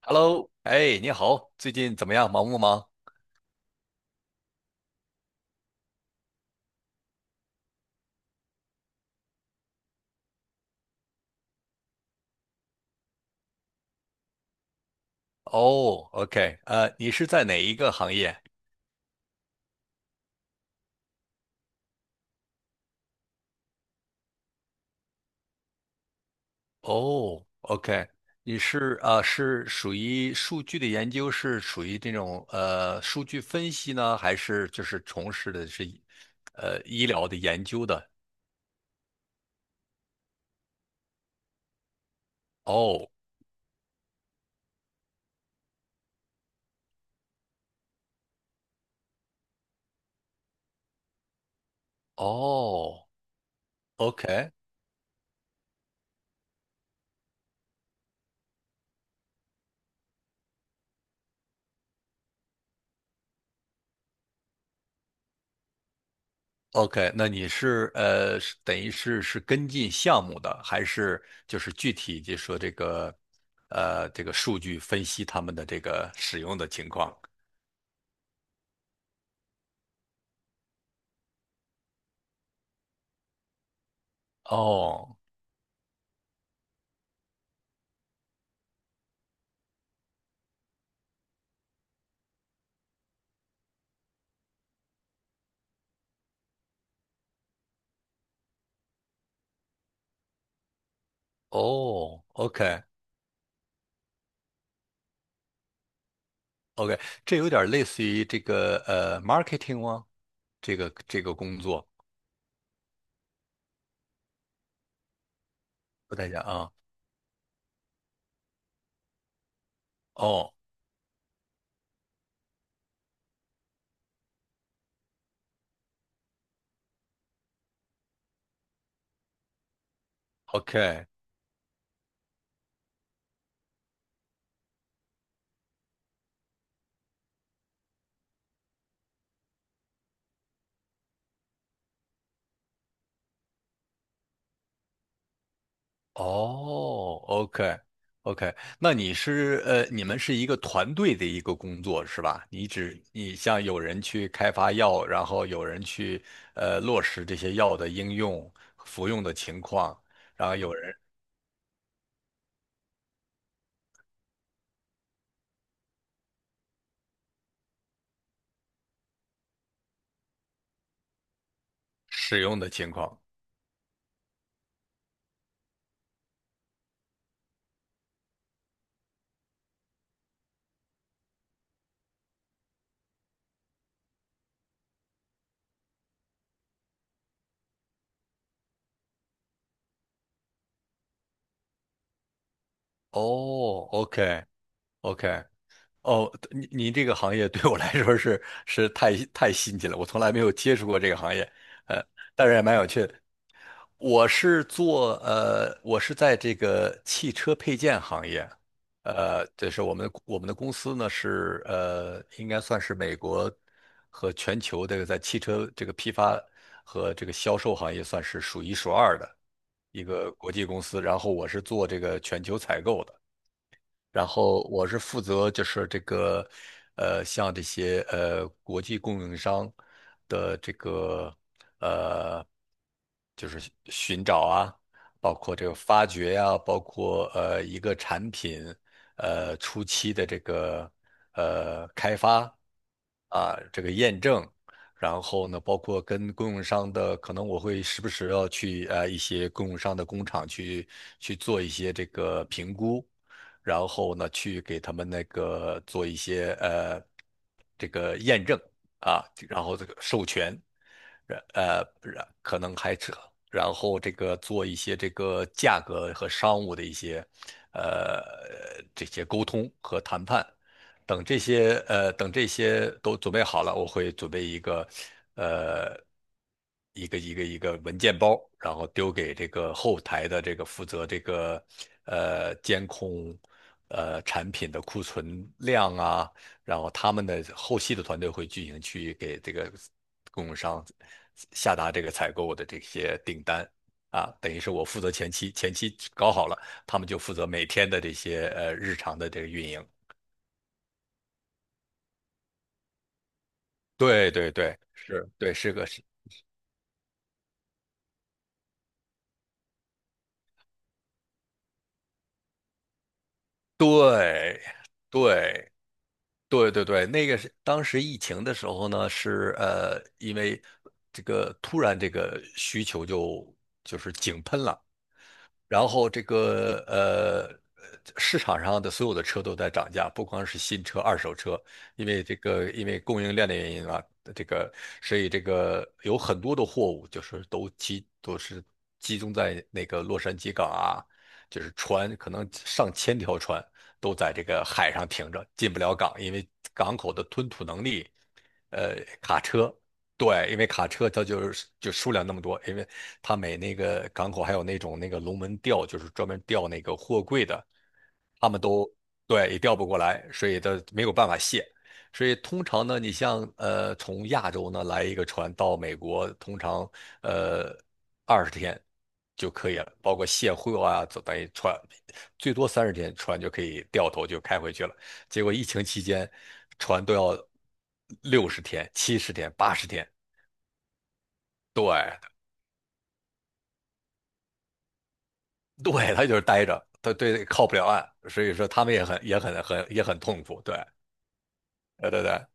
Hello，哎，你好，最近怎么样？忙不忙？哦，OK，你是在哪一个行业？哦，OK，你是啊，是属于数据的研究，是属于这种数据分析呢，还是就是从事的是医疗的研究的？哦，哦，OK，OK，那你是是等于是跟进项目的，还是就是具体就说这个这个数据分析他们的这个使用的情况？哦哦，OK OK，这有点类似于这个marketing 吗？这个工作不太像啊。哦，OK，哦，OK，OK，那你是你们是一个团队的一个工作是吧？你像有人去开发药，然后有人去落实这些药的应用、服用的情况，然后有人使用的情况。哦，OK，OK，哦，你你这个行业对我来说是太新奇了，我从来没有接触过这个行业，呃，但是也蛮有趣的。我是做我是在这个汽车配件行业，这是我们的公司呢是应该算是美国和全球这个在汽车这个批发和这个销售行业算是数一数二的一个国际公司。然后我是做这个全球采购的。然后我是负责就是这个，像这些国际供应商的这个呃，就是寻找啊，包括这个发掘呀、包括一个产品初期的这个开发啊，这个验证。然后呢，包括跟供应商的，可能我会时不时要去一些供应商的工厂去做一些这个评估，然后呢去给他们那个做一些这个验证啊，然后这个授权，然呃然可能还扯然后这个做一些这个价格和商务的一些呃这些沟通和谈判。等这些等这些都准备好了，我会准备一个呃一个文件包，然后丢给这个后台的这个负责这个监控产品的库存量啊，然后他们的后期的团队会进行去给这个供应商下达这个采购的这些订单。啊，等于是我负责前期，前期搞好了，他们就负责每天的这些日常的这个运营。对对对，是，对，是个是，对对对对对，那个是当时疫情的时候呢，是因为这个突然这个需求就是井喷了。然后这个市场上的所有的车都在涨价，不光是新车、二手车，因为供应链的原因啊，这个所以这个有很多的货物就是都是集中在那个洛杉矶港啊，就是船可能上千条船都在这个海上停着，进不了港，因为港口的吞吐能力，呃，卡车对，因为卡车它就是就数量那么多，因为它每那个港口还有那种那个龙门吊，就是专门吊那个货柜的，他们都对也调不过来，所以它没有办法卸。所以通常呢，你像从亚洲呢来一个船到美国，通常呃20天就可以了，包括卸货啊，就等于船最多30天船就可以掉头就开回去了。结果疫情期间，船都要60天、70天、80天，对对，他就是待着，他对靠不了岸，所以说他们也很痛苦。对对对对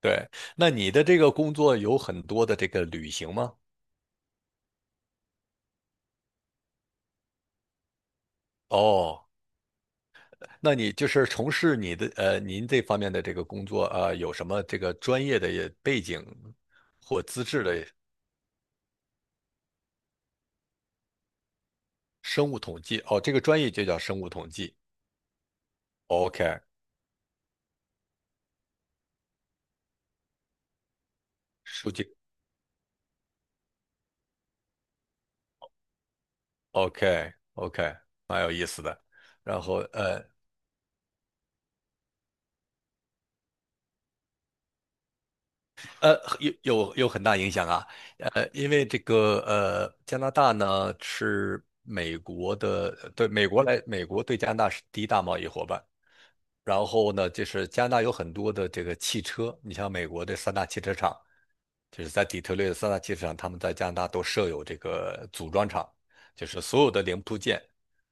对，那你的这个工作有很多的这个旅行吗？哦，那你就是从事你的您这方面的这个工作啊，有什么这个专业的背景或资质的生物统计？哦，这个专业就叫生物统计。OK，数据 OK OK，蛮有意思的。然后有很大影响啊，因为这个加拿大呢是美国的，美国对加拿大是第一大贸易伙伴，然后呢，就是加拿大有很多的这个汽车，你像美国的三大汽车厂，就是在底特律的三大汽车厂，他们在加拿大都设有这个组装厂，就是所有的零部件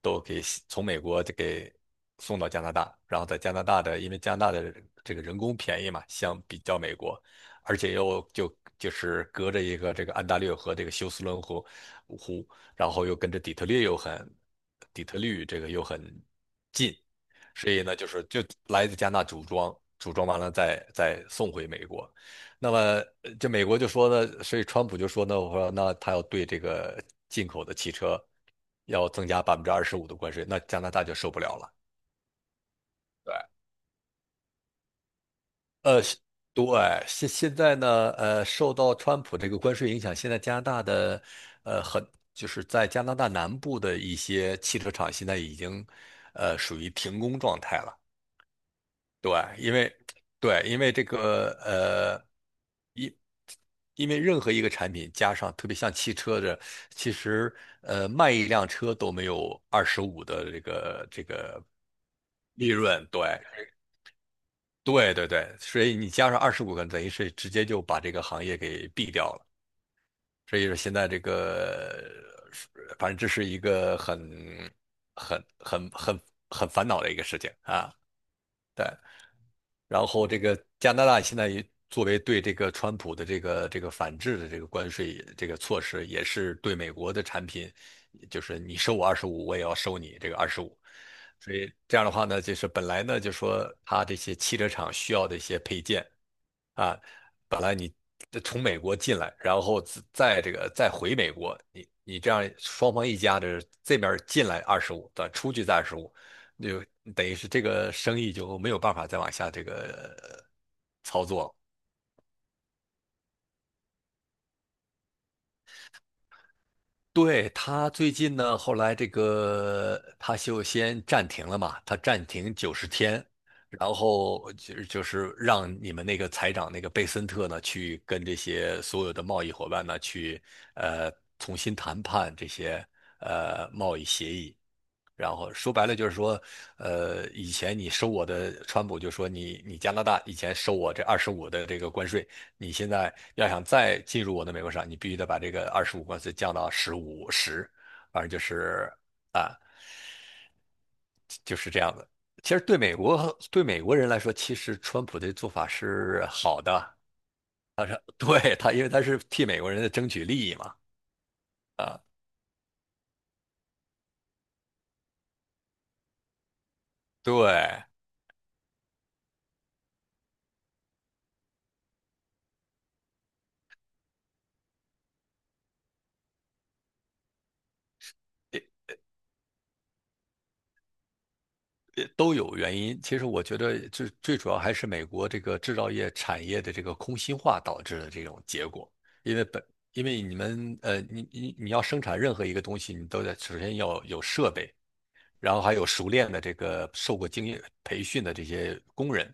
都给从美国就给送到加拿大，然后在加拿大的，因为加拿大的这个人工便宜嘛，相比较美国，而且又就是隔着一个这个安大略和这个休斯敦湖，然后又跟着底特律又很，底特律这个又很近。所以呢，就是来自加拿大组装，组装完了再送回美国。那么这美国就说呢，所以川普就说呢，我说那他要对这个进口的汽车要增加25%的关税，那加拿大就受不了了。对，是对，现在呢，受到川普这个关税影响，现在加拿大的，很就是在加拿大南部的一些汽车厂现在已经，属于停工状态了。对，因为对，因为这个因因为任何一个产品加上，特别像汽车的，其实卖一辆车都没有二十五的这个利润，对对对对，所以你加上25个，等于是直接就把这个行业给毙掉了。所以说现在这个，反正这是一个很很很很烦恼的一个事情啊。然后这个加拿大现在也作为对这个川普的这个反制的这个关税这个措施，也是对美国的产品，就是你收我二十五，我也要收你这个二十五。所以这样的话呢，就是本来呢就说它这些汽车厂需要的一些配件。啊，本来你从美国进来，然后自再这个再回美国，你你这样双方一家的这边儿进来二十五，再出去再二十五，就等于是这个生意就没有办法再往下这个操作了。对，他最近呢，后来这个他就先暂停了嘛，他暂停90天，然后就是让你们那个财长那个贝森特呢，去跟这些所有的贸易伙伴呢，去呃重新谈判这些贸易协议。然后说白了就是说，以前你收我的，川普就说你你加拿大以前收我这二十五的这个关税，你现在要想再进入我的美国市场，你必须得把这个二十五关税降到十五十1反正就是。啊。就是这样的。其实对美国人来说，其实川普的做法是好的。他是对他，因为他是替美国人在争取利益嘛。对，都有原因。其实我觉得最主要还是美国这个制造业产业的这个空心化导致的这种结果。因为本因为你们你要生产任何一个东西，你都得首先要有设备，然后还有熟练的这个受过经验培训的这些工人，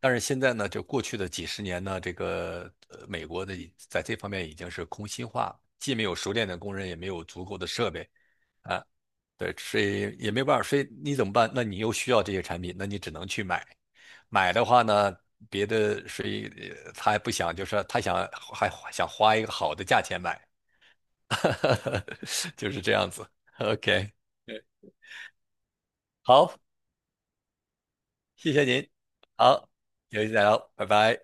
但是现在呢，就过去的几十年呢，这个美国的已在这方面已经是空心化，既没有熟练的工人，也没有足够的设备啊，对，所以也没办法，所以你怎么办？那你又需要这些产品，那你只能去买。买的话呢，别的所以他还不想，就是说他想还想花一个好的价钱买，就是这样子。OK，好，谢谢您，好，有机再聊，拜拜。